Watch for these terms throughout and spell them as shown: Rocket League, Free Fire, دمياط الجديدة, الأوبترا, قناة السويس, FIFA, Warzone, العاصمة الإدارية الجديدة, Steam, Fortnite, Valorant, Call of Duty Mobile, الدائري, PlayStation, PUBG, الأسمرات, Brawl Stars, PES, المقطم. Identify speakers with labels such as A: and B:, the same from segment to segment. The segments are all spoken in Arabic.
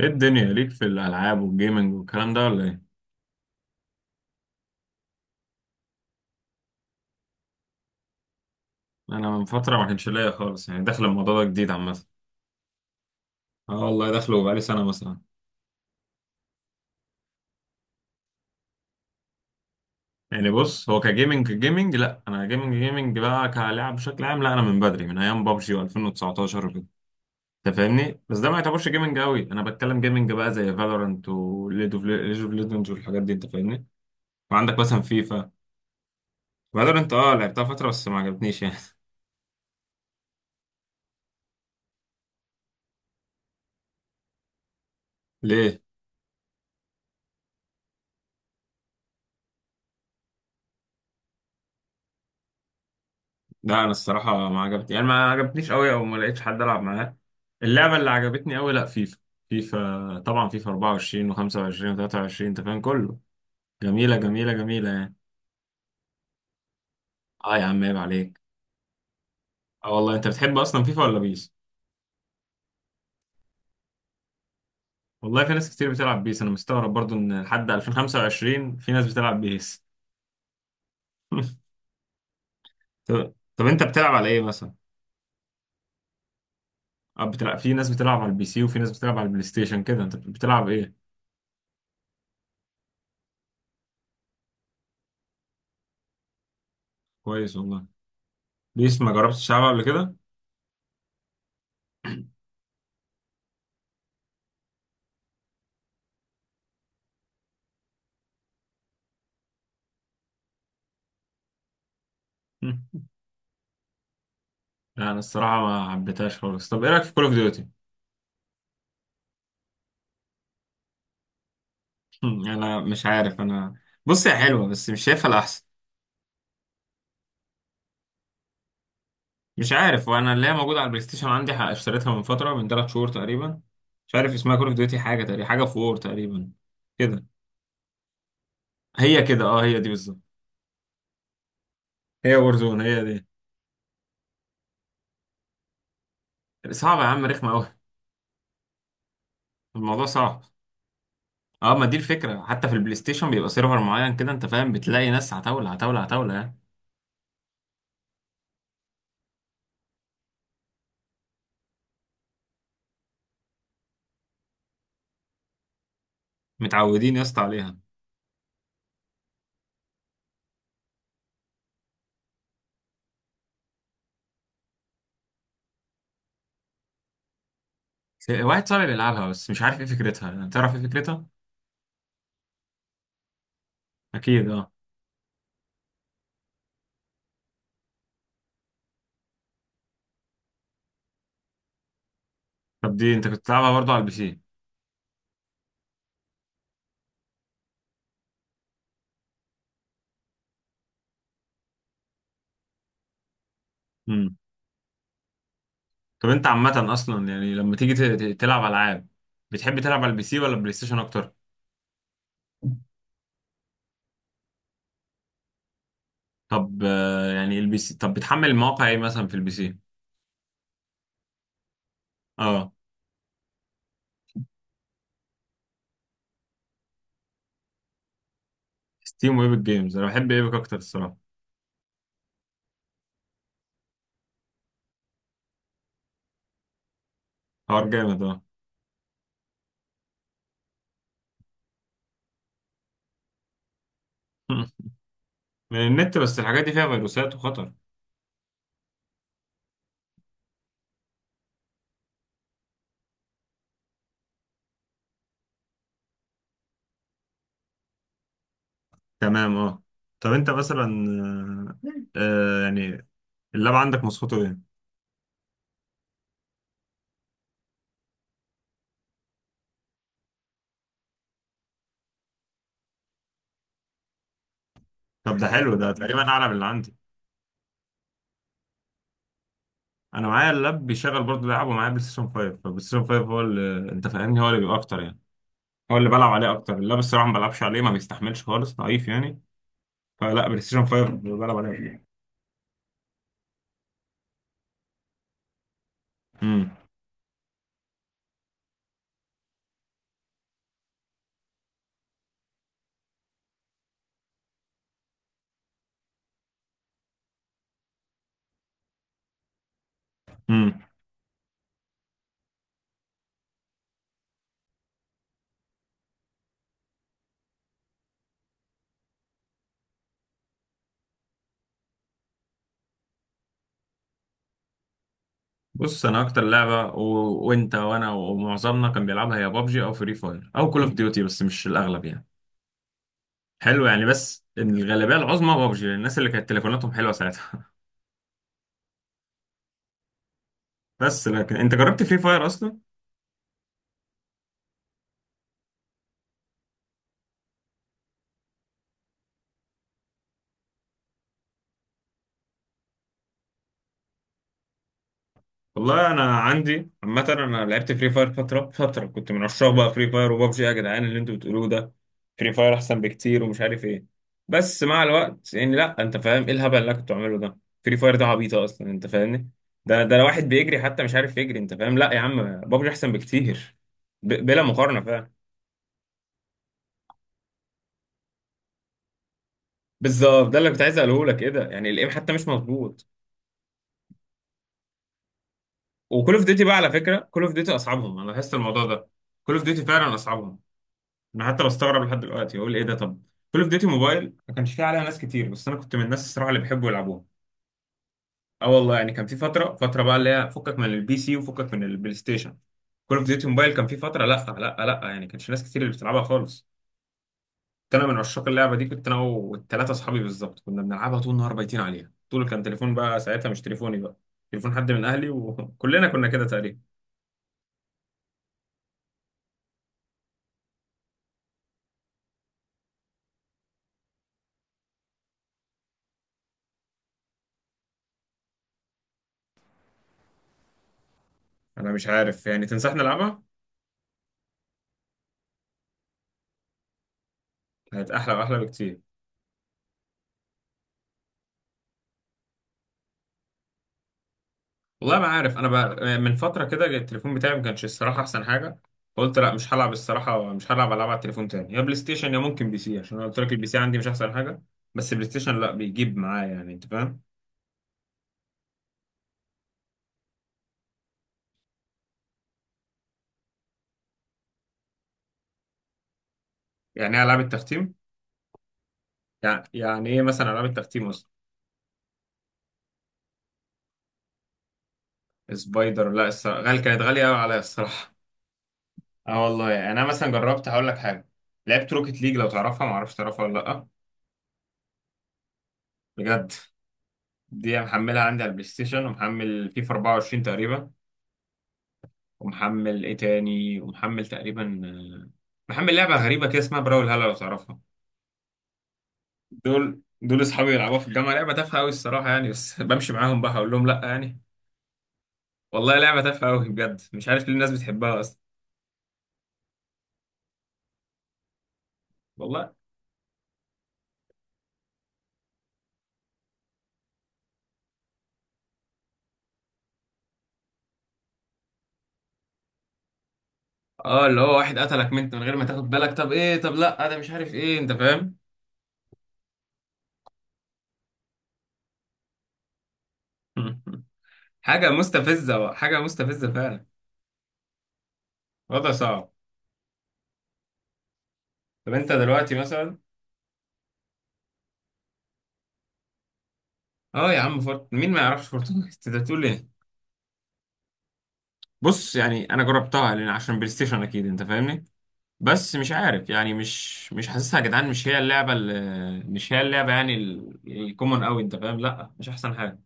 A: ايه الدنيا ليك في الالعاب والجيمنج والكلام ده ولا ايه؟ انا من فتره ما كانش ليا خالص، داخل الموضوع ده جديد عامه. اه والله داخله بقالي سنه مثلا. بص هو كجيمنج جيمنج، لا، انا جيمنج جيمنج بقى كلاعب بشكل عام، لا انا من بدري، من ايام بابجي و2019 وكده. انت فاهمني؟ بس ده ما يعتبرش جيمنج قوي، انا بتكلم جيمنج بقى زي فالورانت وليج اوف ليجندز والحاجات دي، انت فاهمني؟ وعندك مثلا فيفا. فالورانت اه لعبتها فتره بس ما عجبتنيش يعني. ليه؟ لا انا الصراحه ما عجبتني، ما عجبتنيش قوي، او ما لقيتش حد العب معاه. اللعبه اللي عجبتني قوي لا فيفا. فيفا طبعا، فيفا 24 و25 و23، انت فاهم كله، جميله جميله جميله يعني. اه يا عم، عيب عليك. اه والله، انت بتحب اصلا فيفا ولا بيس؟ والله في ناس كتير بتلعب بيس، انا مستغرب برضو ان لحد 2025 في ناس بتلعب بيس. طب طب انت بتلعب على ايه مثلا؟ اه بتلعب، في ناس بتلعب على البي سي وفي ناس بتلعب على البلاي ستيشن، كده انت بتلعب ايه؟ كويس والله. بيس ما جربتش تلعبها قبل كده؟ انا الصراحه ما حبيتهاش خالص. طب ايه رايك في كول اوف ديوتي؟ انا مش عارف، انا بص هي حلوه بس مش شايفها الاحسن. مش عارف، وانا اللي هي موجوده على البلاي ستيشن عندي اشتريتها من فتره، من 3 شهور تقريبا. مش عارف اسمها، كول اوف ديوتي حاجه تقريبا، حاجه في وور تقريبا كده. هي كده اه، هي دي بالظبط. هي وور زون، هي دي. صعبه يا عم، رخمه قوي. الموضوع صعب. اه ما دي الفكره، حتى في البلاي ستيشن بيبقى سيرفر معين كده، انت فاهم، بتلاقي ناس عتاوله عتاوله عتاوله يعني. متعودين يا اسطى عليها. واحد صاحبي بيلعبها بس مش عارف ايه فكرتها، يعني تعرف ايه فكرتها؟ اكيد اه. طب دي انت كنت بتلعبها برضو على البي سي؟ امم. طب انت عامه اصلا، يعني لما تيجي تلعب العاب، بتحب تلعب على البي سي ولا بلاي ستيشن اكتر؟ طب يعني البي سي، طب بتحمل مواقع ايه مثلا في البي سي؟ اه. ستيم وايبك جيمز، انا بحب ايبك اكتر الصراحه. حوار جامد اه. من النت، بس الحاجات دي فيها فيروسات وخطر. تمام اه. طب انت مثلا، آه آه، يعني اللاب عندك مواصفاته ايه؟ طب ده حلو، ده تقريبا اعلى من اللي عندي. انا معايا اللاب بيشغل برضه بيلعب، ومعايا بلاي ستيشن 5، فبلاي ستيشن 5 هو اللي، انت فاهمني، هو اللي بيبقى اكتر يعني. هو اللي بلعب عليه اكتر، اللاب الصراحه ما بلعبش عليه، ما بيستحملش خالص، ضعيف يعني. فلا، بلاي ستيشن 5 بلعب عليه. امم. امم. بص انا اكتر لعبه وانت وانا ومعظمنا كان بيلعبها هي بابجي او فري فاير او كول اوف ديوتي، بس مش الاغلب يعني. حلو يعني، بس الغالبيه العظمى بابجي، للناس اللي كانت تليفوناتهم حلوه ساعتها. بس لكن انت جربت فري فاير اصلا؟ والله انا عندي عامه، انا لعبت فري فاير فتره، فتره كنت من عشاق بقى فري فاير وبابجي يا جدعان اللي انتوا بتقولوه ده. فري فاير احسن بكتير ومش عارف ايه. بس مع الوقت، يعني لا انت فاهم ايه الهبل اللي أنا كنت بعمله ده. فري فاير ده عبيطه اصلا، انت فاهمني. ده ده لو واحد بيجري حتى مش عارف يجري، انت فاهم، لا يا عم بابجي احسن بكتير. بلا مقارنه فعلا. بالظبط ده اللي كنت عايز اقوله لك، ايه ده، يعني الايم حتى مش مظبوط. وكل اوف ديوتي بقى، على فكره كل اوف ديوتي اصعبهم، انا لاحظت الموضوع ده. كل اوف ديوتي فعلا اصعبهم. انا حتى بستغرب لحد دلوقتي بقول ايه ده. طب كول اوف ديوتي موبايل، ما كانش فيه عليها ناس كتير، بس انا كنت من الناس الصراحه اللي بيحبوا يلعبوها. اه والله يعني، كان في فتره، فتره بقى اللي هي فكك من البي سي وفكك من البلاي ستيشن، كول اوف ديوتي موبايل كان في فتره، لا لا لا يعني كانش ناس كتير اللي بتلعبها خالص. كنت انا من عشاق اللعبه دي، كنت انا والثلاثه اصحابي بالظبط كنا بنلعبها طول النهار، بايتين عليها طول، كان تليفون بقى ساعتها، مش تليفوني بقى، تليفون حد من اهلي، وكلنا كنا كده تقريبا. انا مش عارف، يعني تنصحني العبها؟ هتبقى احلى واحلى بكتير. والله ما عارف، انا بقى من فتره كده التليفون بتاعي ما كانش الصراحه احسن حاجه، فقلت لا، مش هلعب الصراحه، مش هلعب العاب على التليفون تاني، يا بلاي ستيشن يا ممكن بي سي، عشان انا قلت لك البي سي عندي مش احسن حاجه. بس بلاي ستيشن لا، بيجيب معايا يعني، انت فاهم. يعني ايه العاب التختيم؟ يعني يعني ايه مثلا العاب التختيم اصلا؟ سبايدر لا الصراحه غالي، كانت غاليه قوي عليا الصراحه. اه والله، يعني انا مثلا جربت هقول لك حاجه، لعبت روكيت ليج، لو تعرفها، ما اعرفش تعرفها ولا لا. بجد. دي محملها عندي على البلاي ستيشن، ومحمل فيفا 24 تقريبا، ومحمل ايه تاني، ومحمل تقريبا محمل لعبة غريبة كده اسمها براول هلا، لو تعرفها. دول دول اصحابي يلعبوها في الجامعة، لعبة تافهة قوي الصراحة يعني، بس بمشي معاهم بقى اقول لهم لا يعني. والله لعبة تافهة قوي بجد، مش عارف ليه الناس بتحبها اصلا. والله اه، اللي هو واحد قتلك منت من غير ما تاخد بالك، طب ايه، طب لا انا مش عارف ايه، انت فاهم. حاجة مستفزة بقى. حاجة مستفزة فعلا. وضع صعب. طب انت دلوقتي مثلا. اه يا عم فورت، مين ما يعرفش فورتنايت؟ انت بتقول ايه؟ بص يعني انا جربتها لان عشان بلاي ستيشن، اكيد انت فاهمني. بس مش عارف يعني، مش مش حاسسها يا جدعان، مش هي اللعبه اللي، مش هي اللعبه يعني الكومن قوي، انت فاهم، لا مش احسن حاجه.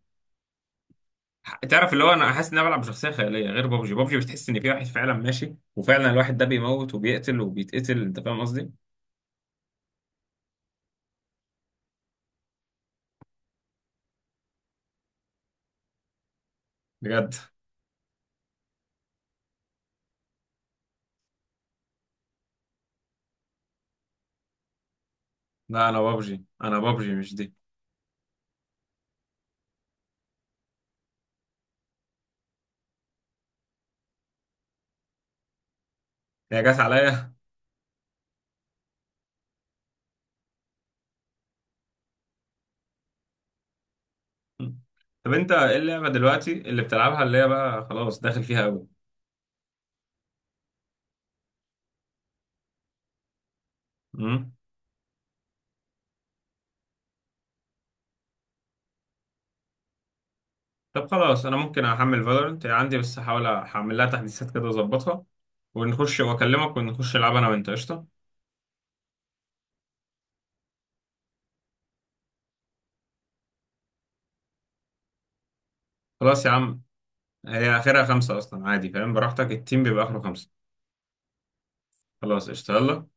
A: تعرف اللي هو انا حاسس ان انا بلعب بشخصيه خياليه، غير بابجي، بابجي بتحس ان في واحد فعلا ماشي وفعلا الواحد ده بيموت وبيقتل وبيتقتل، انت فاهم قصدي؟ بجد. لا انا بابجي، انا بابجي مش دي. هي جت عليا. طب انت ايه اللعبه دلوقتي اللي بتلعبها اللي هي بقى خلاص داخل فيها قوي؟ طب خلاص انا ممكن احمل فالورنت عندي، بس هحاول احمل لها تحديثات كده واظبطها، ونخش واكلمك ونخش العب انا وانت، قشطه. خلاص يا عم. هي اخرها خمسه اصلا، عادي فاهم، براحتك، التيم بيبقى اخره خمسه. خلاص، قشطه، يلا.